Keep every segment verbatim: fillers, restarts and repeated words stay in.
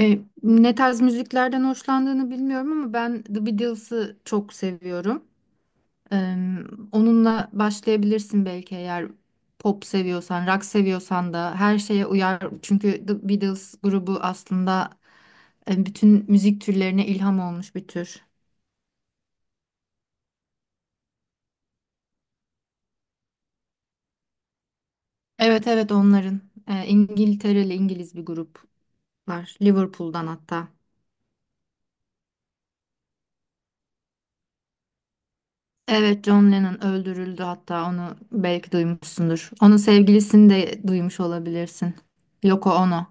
E, ne tarz müziklerden hoşlandığını bilmiyorum ama ben The Beatles'ı çok seviyorum. E, Onunla başlayabilirsin belki eğer pop seviyorsan, rock seviyorsan da her şeye uyar. Çünkü The Beatles grubu aslında e, bütün müzik türlerine ilham olmuş bir tür. Evet evet onların. E, İngiltereli, İngiliz bir gruplar. Liverpool'dan hatta. Evet, John Lennon öldürüldü, hatta onu belki duymuşsundur. Onun sevgilisini de duymuş olabilirsin. Yoko Ono.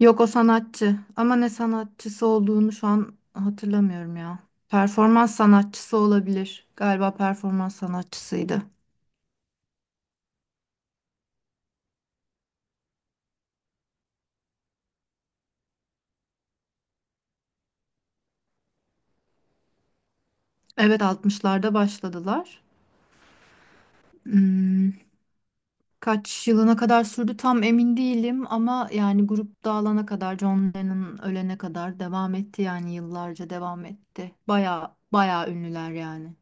Yoko sanatçı ama ne sanatçısı olduğunu şu an hatırlamıyorum ya. Performans sanatçısı olabilir. Galiba performans sanatçısıydı. Evet, altmışlarda başladılar. Hmm, kaç yılına kadar sürdü tam emin değilim ama yani grup dağılana kadar, John Lennon ölene kadar devam etti, yani yıllarca devam etti. Baya baya ünlüler yani.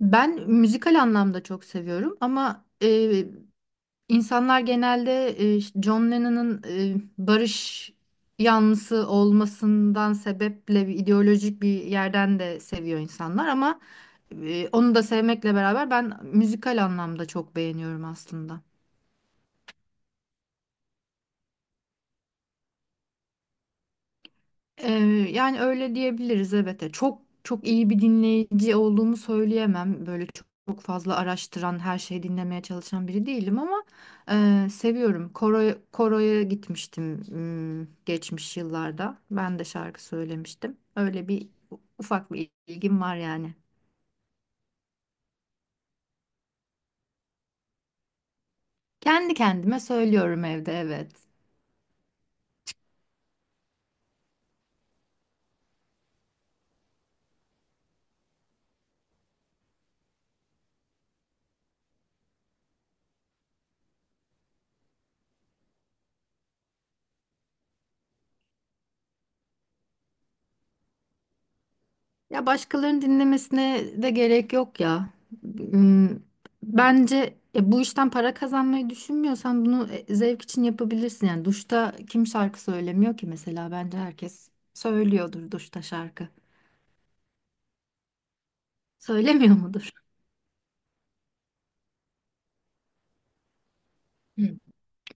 Ben müzikal anlamda çok seviyorum ama e, insanlar genelde e, işte John Lennon'ın e, barış yanlısı olmasından sebeple bir ideolojik bir yerden de seviyor insanlar ama e, onu da sevmekle beraber ben müzikal anlamda çok beğeniyorum aslında. Ee, Yani öyle diyebiliriz, evet. E, Çok çok iyi bir dinleyici olduğumu söyleyemem. Böyle çok, çok fazla araştıran, her şeyi dinlemeye çalışan biri değilim ama e, seviyorum. Koro'ya koroya gitmiştim hmm, geçmiş yıllarda. Ben de şarkı söylemiştim. Öyle bir u- ufak bir ilgim var yani. Kendi kendime söylüyorum evde, evet. Ya başkalarının dinlemesine de gerek yok ya. Hmm, bence e, bu işten para kazanmayı düşünmüyorsan bunu e, zevk için yapabilirsin. Yani duşta kim şarkı söylemiyor ki mesela? Bence herkes söylüyordur duşta şarkı. Söylemiyor mudur? Hı.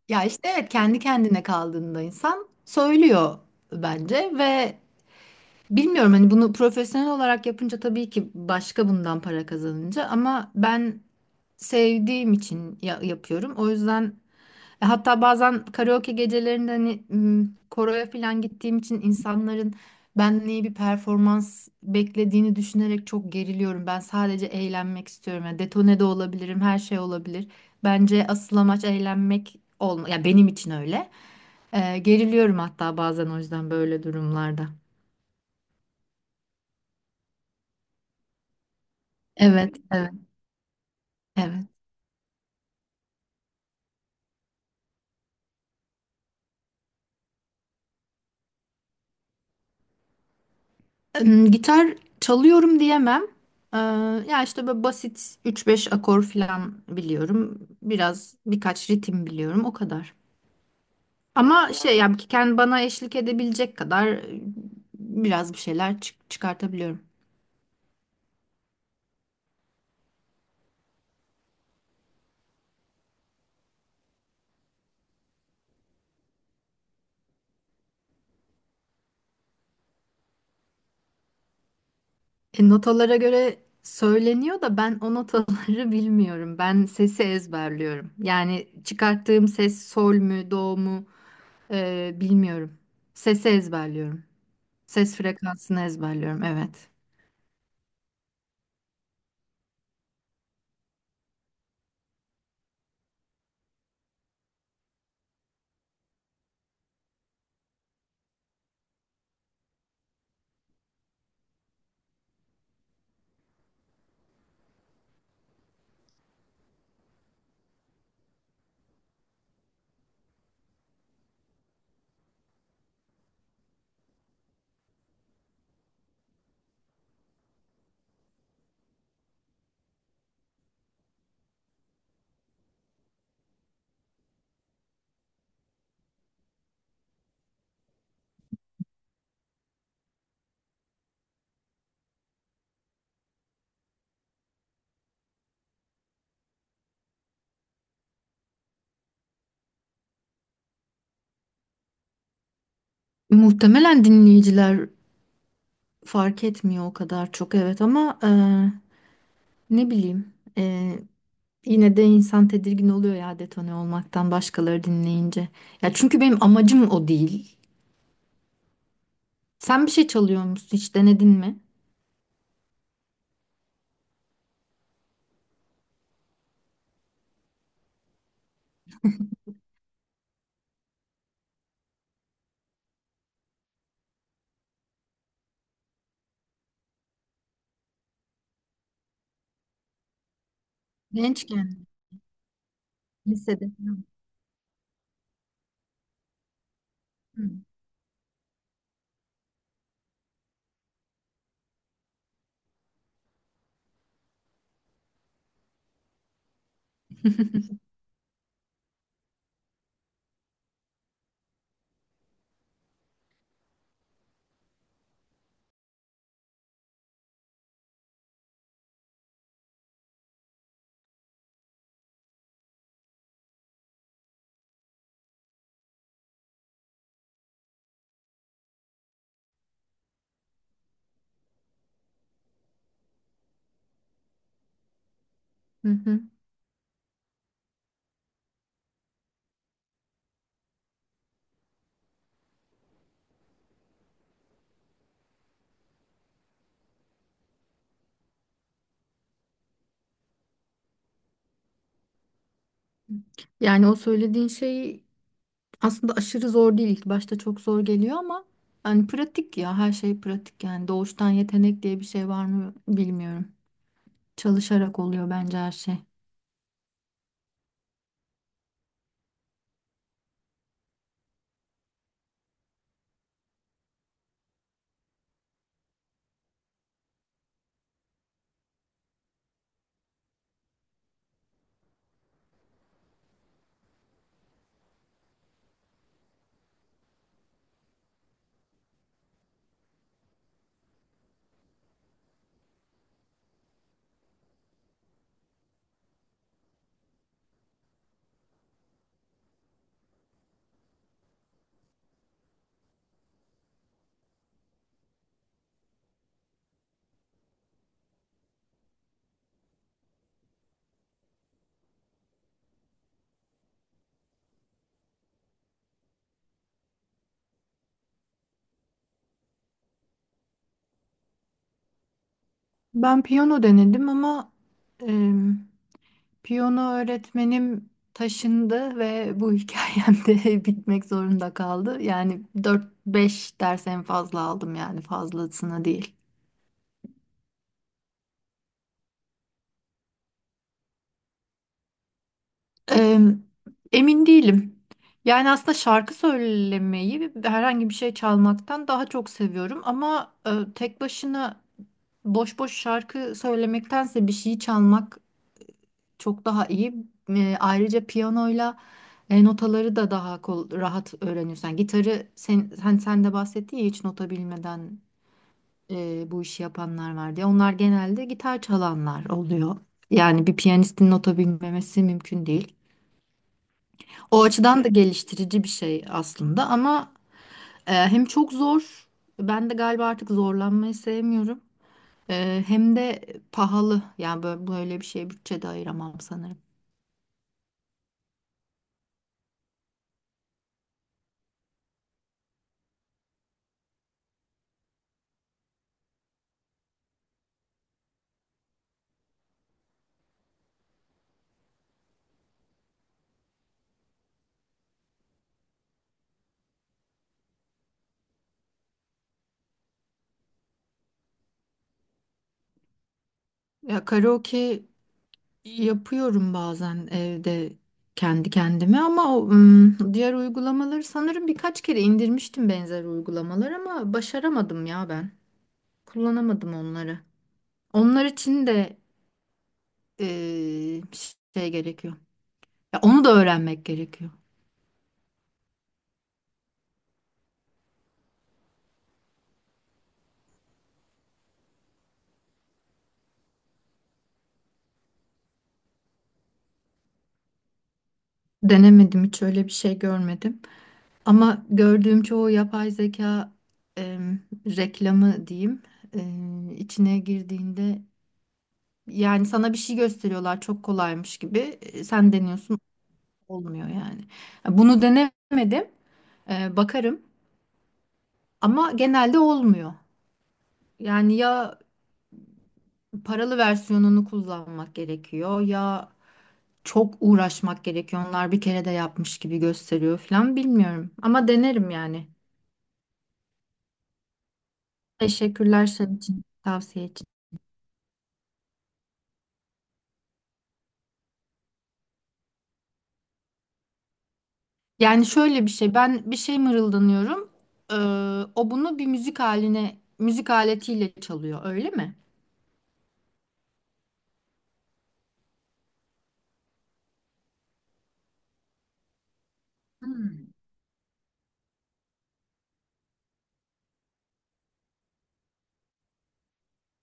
Ya işte evet, kendi kendine kaldığında insan söylüyor bence ve bilmiyorum hani bunu profesyonel olarak yapınca tabii ki başka, bundan para kazanınca ama ben sevdiğim için ya- yapıyorum. O yüzden e, hatta bazen karaoke gecelerinde hani m, koroya falan gittiğim için insanların benden iyi bir performans beklediğini düşünerek çok geriliyorum. Ben sadece eğlenmek istiyorum. Yani detone de olabilirim, her şey olabilir. Bence asıl amaç eğlenmek olma. Ya benim için öyle. E, geriliyorum hatta bazen o yüzden böyle durumlarda. Evet, evet, evet. Em, Gitar çalıyorum diyemem. Ee, Ya işte böyle basit üç beş akor falan biliyorum. Biraz birkaç ritim biliyorum o kadar. Ama şey yani ki kendi bana eşlik edebilecek kadar e, biraz bir şeyler çık- çıkartabiliyorum. E, notalara göre söyleniyor da ben o notaları bilmiyorum. Ben sesi ezberliyorum. Yani çıkarttığım ses sol mü, do mu e, bilmiyorum. Sesi ezberliyorum. Ses frekansını ezberliyorum, evet. Muhtemelen dinleyiciler fark etmiyor o kadar çok, evet ama e, ne bileyim, e, yine de insan tedirgin oluyor ya detone olmaktan başkaları dinleyince. Ya çünkü benim amacım o değil. Sen bir şey çalıyor musun? Hiç denedin mi? Gençken, lisede falan. Hı hı. Hı. Yani o söylediğin şey aslında aşırı zor değil. İlk başta çok zor geliyor ama hani pratik ya, her şey pratik, yani doğuştan yetenek diye bir şey var mı bilmiyorum. Çalışarak oluyor bence her şey. Ben piyano denedim ama em, piyano öğretmenim taşındı ve bu hikayem de bitmek zorunda kaldı. Yani dört beş ders en fazla aldım, yani fazlasına değil. Eee, Emin değilim. Yani aslında şarkı söylemeyi ve herhangi bir şey çalmaktan daha çok seviyorum ama e, tek başına boş boş şarkı söylemektense bir şeyi çalmak çok daha iyi. E, ayrıca piyanoyla e, notaları da daha kol- rahat öğreniyorsun. Yani gitarı sen, sen, sen de bahsettin ya, hiç nota bilmeden e, bu işi yapanlar var diye. Onlar genelde gitar çalanlar oluyor. Yani bir piyanistin nota bilmemesi mümkün değil. O açıdan da geliştirici bir şey aslında ama e, hem çok zor, ben de galiba artık zorlanmayı sevmiyorum. E, hem de pahalı. Yani böyle, böyle bir şeye bütçe de ayıramam sanırım. Ya karaoke yapıyorum bazen evde kendi kendime ama o, ım, diğer uygulamaları sanırım birkaç kere indirmiştim, benzer uygulamalar, ama başaramadım ya ben. Kullanamadım onları. Onlar için de e, şey gerekiyor. Ya onu da öğrenmek gerekiyor. Denemedim, hiç öyle bir şey görmedim. Ama gördüğüm çoğu yapay zeka em, reklamı diyeyim, em, içine girdiğinde yani sana bir şey gösteriyorlar çok kolaymış gibi. E, sen deniyorsun, olmuyor yani. Bunu denemedim, E, bakarım ama genelde olmuyor. Yani ya paralı versiyonunu kullanmak gerekiyor ya çok uğraşmak gerekiyor. Onlar bir kere de yapmış gibi gösteriyor falan, bilmiyorum ama denerim yani. Teşekkürler senin için, tavsiye için. Yani şöyle bir şey, ben bir şey mırıldanıyorum. Ee, O bunu bir müzik haline, müzik aletiyle çalıyor, öyle mi?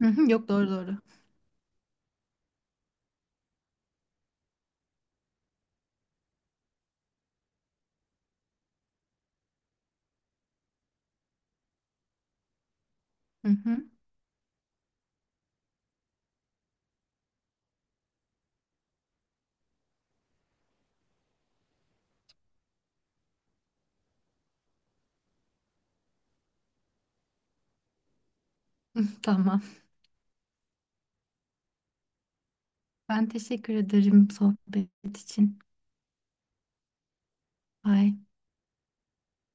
Hı hı, yok, doğru doğru. Hı hı. Tamam. Ben teşekkür ederim sohbet için. Bye.